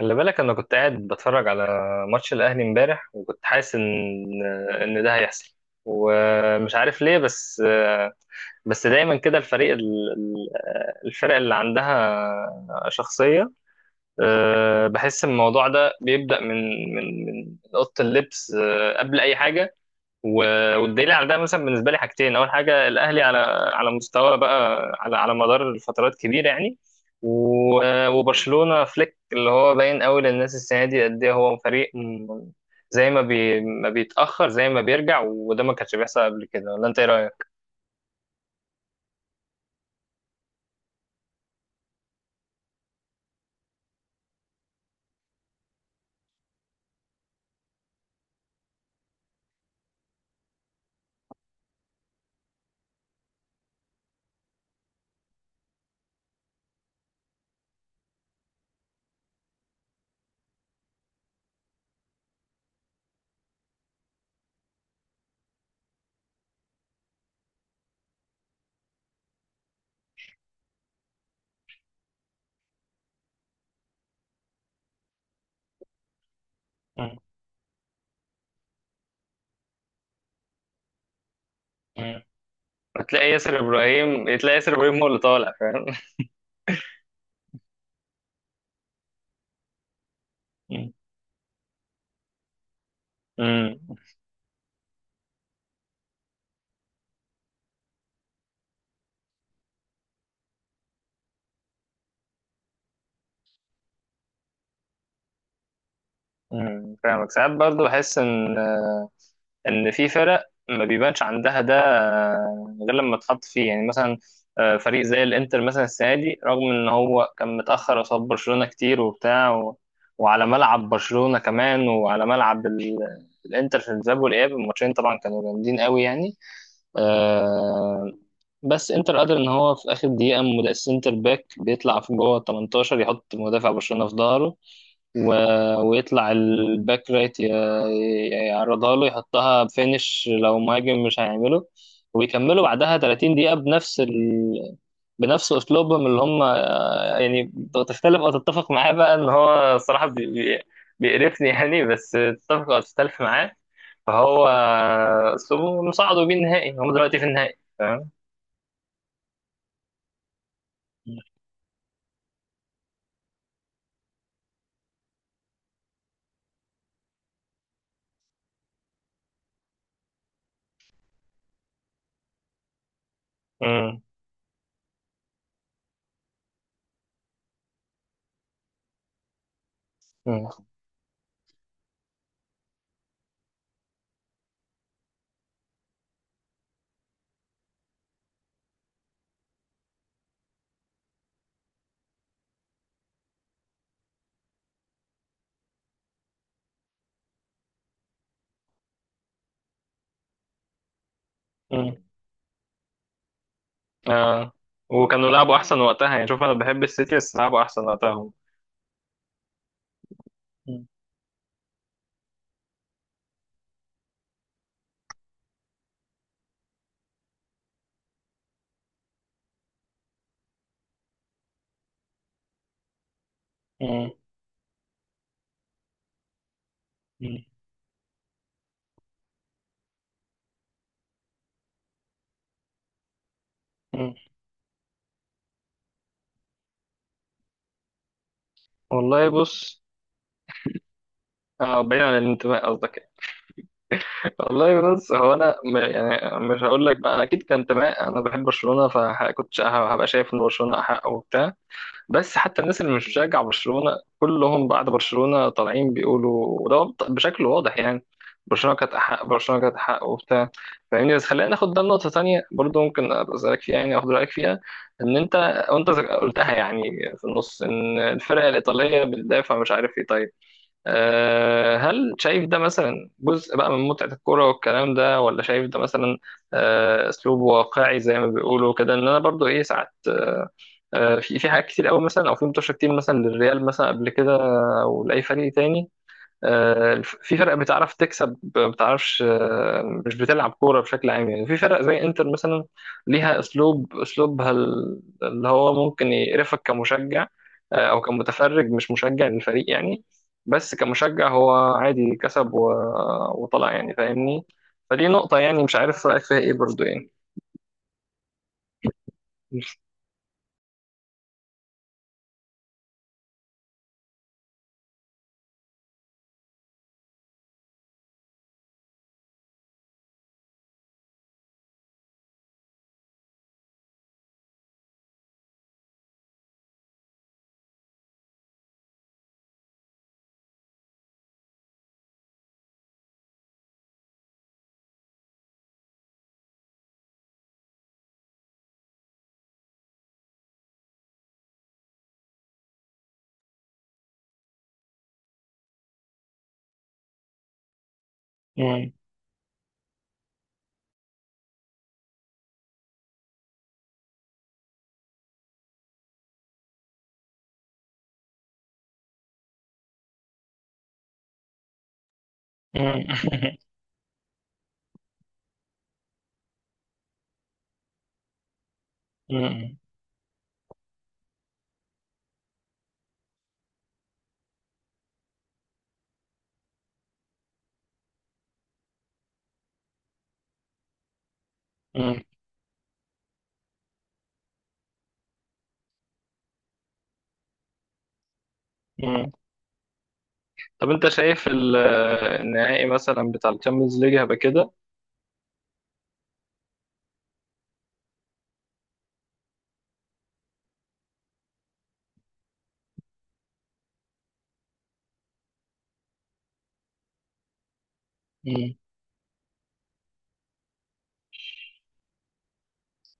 خلي بالك انا كنت قاعد بتفرج على ماتش الاهلي امبارح، وكنت حاسس ان ده هيحصل، ومش عارف ليه. بس دايما كده. الفرق اللي عندها شخصية. بحس الموضوع ده بيبدأ من أوضة اللبس، قبل أي حاجة. والدليل على ده مثلا بالنسبه لي حاجتين. اول حاجه الاهلي، على مستوى بقى، على مدار فترات كبيره يعني. وبرشلونه فليك، اللي هو باين قوي للناس السنه دي قد ايه هو فريق زي ما ما بيتاخر زي ما بيرجع، وده ما كانش بيحصل قبل كده. ولا انت ايه رايك؟ مم. مم. تلاقي ياسر ابراهيم هو اللي طالع، فاهم؟ مم. مم. فاهمك. ساعات برضو بحس ان في فرق ما بيبانش عندها ده غير لما تحط فيه، يعني مثلا فريق زي الانتر مثلا السنه دي، رغم ان هو كان متاخر قصاد برشلونه كتير وبتاع، وعلى ملعب برشلونه كمان، وعلى ملعب الانتر، في الذهاب والاياب الماتشين طبعا كانوا جامدين قوي يعني. آه، بس انتر قادر ان هو في اخر دقيقه سنتر باك بيطلع في جوه ال 18، يحط مدافع برشلونه في ظهره، و... ويطلع الباك رايت يعرضها له، يحطها بفينش لو مهاجم مش هيعمله. ويكملوا بعدها 30 دقيقة بنفس أسلوبهم اللي هم، يعني تختلف أو تتفق معاه بقى، إن هو الصراحة بيقرفني يعني، بس تتفق أو تختلف معاه فهو أسلوبه مصعده بيه النهائي. هم دلوقتي في النهائي، فاهم. مم. مم. مم. آه. وكانوا لعبوا أحسن وقتها يعني. شوف، أنا بحب السيتي، بس لعبوا أحسن وقتها. هم. مم. مم. مم. والله بص. اه، بعيد عن الانتماء قصدك يعني. والله بص، هو انا يعني مش هقول لك بقى، انا اكيد كان انتماء، انا بحب برشلونه فكنت هبقى شايف ان برشلونه احق وبتاع. بس حتى الناس اللي مش بتشجع برشلونه كلهم بعد برشلونه طالعين بيقولوا، وده بشكل واضح يعني، برشلونه كانت احق، برشلونه كانت احق وبتاع، فاهمني. بس خلينا ناخد ده لنقطه تانيه برضو ممكن ابقى اسالك فيها، يعني اخد رايك فيها. ان انت، وانت قلتها يعني في النص، ان الفرق الايطاليه بتدافع مش عارف ايه. طيب، هل شايف ده مثلا جزء بقى من متعة الكرة والكلام ده، ولا شايف ده مثلا أسلوب واقعي زي ما بيقولوا كده، إن أنا برضو إيه ساعات، في حاجات كتير قوي مثلا، أو في متوشة كتير مثلا للريال مثلا قبل كده أو لأي فريق تاني. في فرق بتعرف تكسب ما بتعرفش، مش بتلعب كورة بشكل عام يعني. في فرق زي انتر مثلا، ليها اسلوبها اللي هو ممكن يقرفك كمشجع، او كمتفرج مش مشجع للفريق يعني. بس كمشجع هو عادي، كسب وطلع، يعني فاهمني. فدي نقطة يعني مش عارف رأيك فيها ايه برضو يعني. مم. مم. مم. مم. مم. طب انت شايف النهائي مثلا بتاع الشامبيونز ليج هيبقى كده؟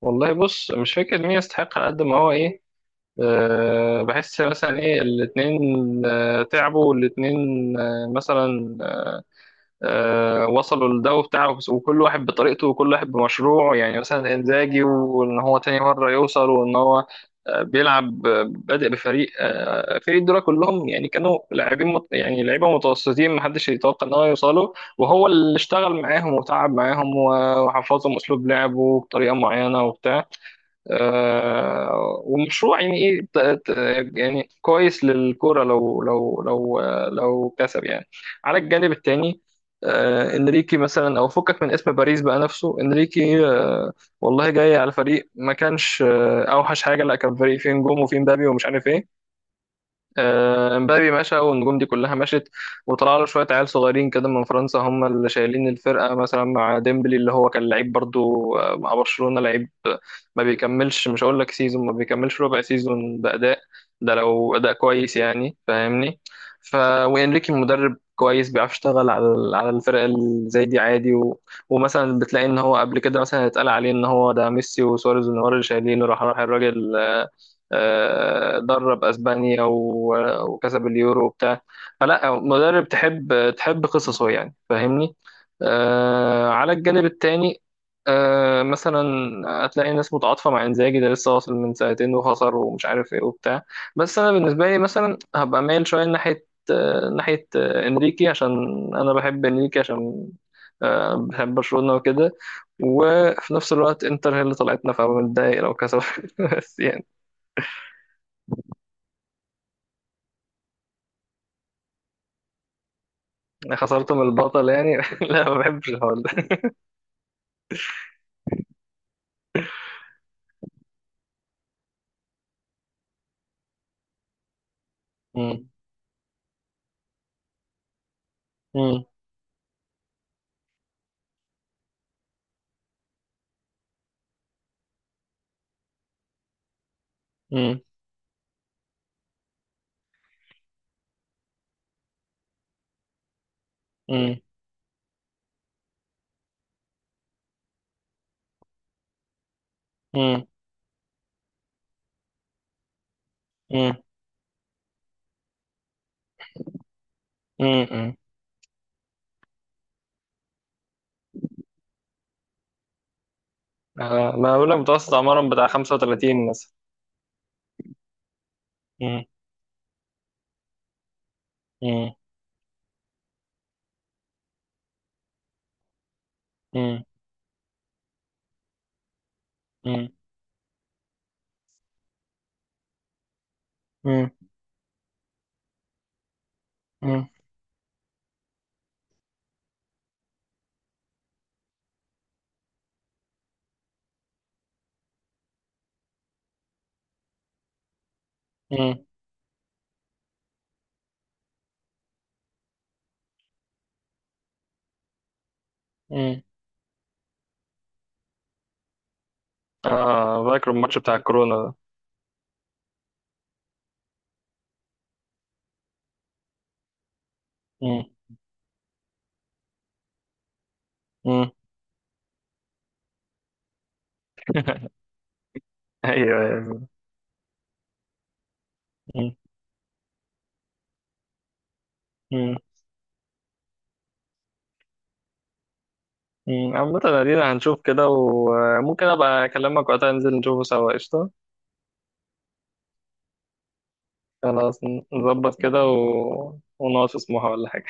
والله بص، مش فاكر مين يستحق على قد ما هو ايه. بحس مثلا ايه، الاتنين تعبوا، والاتنين مثلا وصلوا للدو بتاعه، وكل واحد بطريقته وكل واحد بمشروعه، يعني مثلا انزاجي وان هو تاني مرة يوصل وان هو بيلعب، بادئ بفريق، فريق دول كلهم يعني كانوا لاعبين يعني لعيبه متوسطين، محدش يتوقع ان هو يوصلوا، وهو اللي اشتغل معاهم وتعب معاهم وحفظهم اسلوب لعبه بطريقه معينه وبتاع، ومشروع يعني ايه، ت- يعني كويس للكرة لو لو لو كسب يعني. على الجانب التاني انريكي مثلا، او فكك من اسم باريس بقى، نفسه انريكي، والله جاي على فريق ما كانش اوحش حاجه، لا كان فريق فيه نجوم وفيه مبابي ومش عارف ايه. امبابي مشى والنجوم دي كلها مشت، وطلع له شويه عيال صغيرين كده من فرنسا هم اللي شايلين الفرقه، مثلا مع ديمبلي اللي هو كان لعيب برضو مع برشلونه، لعيب ما بيكملش، مش هقول لك سيزون، ما بيكملش ربع سيزون باداء، ده لو اداء كويس يعني فاهمني. ف وانريكي مدرب كويس، بيعرف يشتغل على على الفرق اللي زي دي عادي، ومثلا بتلاقي ان هو قبل كده مثلا اتقال عليه ان هو ده ميسي وسواريز ونيمار اللي شايلينه، راح راح الراجل درب اسبانيا وكسب اليورو وبتاع. فلا مدرب تحب قصصه يعني فاهمني. على الجانب التاني مثلا هتلاقي ناس متعاطفه مع انزاجي، ده لسه واصل من سنتين وخسر ومش عارف ايه وبتاع. بس انا بالنسبه لي مثلا هبقى مايل شويه ناحيه انريكي، عشان انا بحب انريكي، عشان بحب برشلونه وكده. وفي نفس الوقت انتر هي اللي طلعتنا، فببقى متضايق لو كسبت، بس يعني خسرت من البطل يعني. لا ما بحبش الحوار ده. مم. مم. مم. مم. مم. مم. مم. مم. ما بقول لك متوسط عمرهم بتاع 35 مثلا. مم. مم. مم. مم. مم. مم. مم. مم. اه، فاكر الماتش بتاع الكورونا ده. مم. مم. ايوه، أيوة. مم. مم. مم. عامة ادينا هنشوف كده، وممكن ابقى اكلمك وقتها ننزل نشوفه سوا، قشطة. خلاص، نظبط كده ونقعد في سموحة ولا حاجة.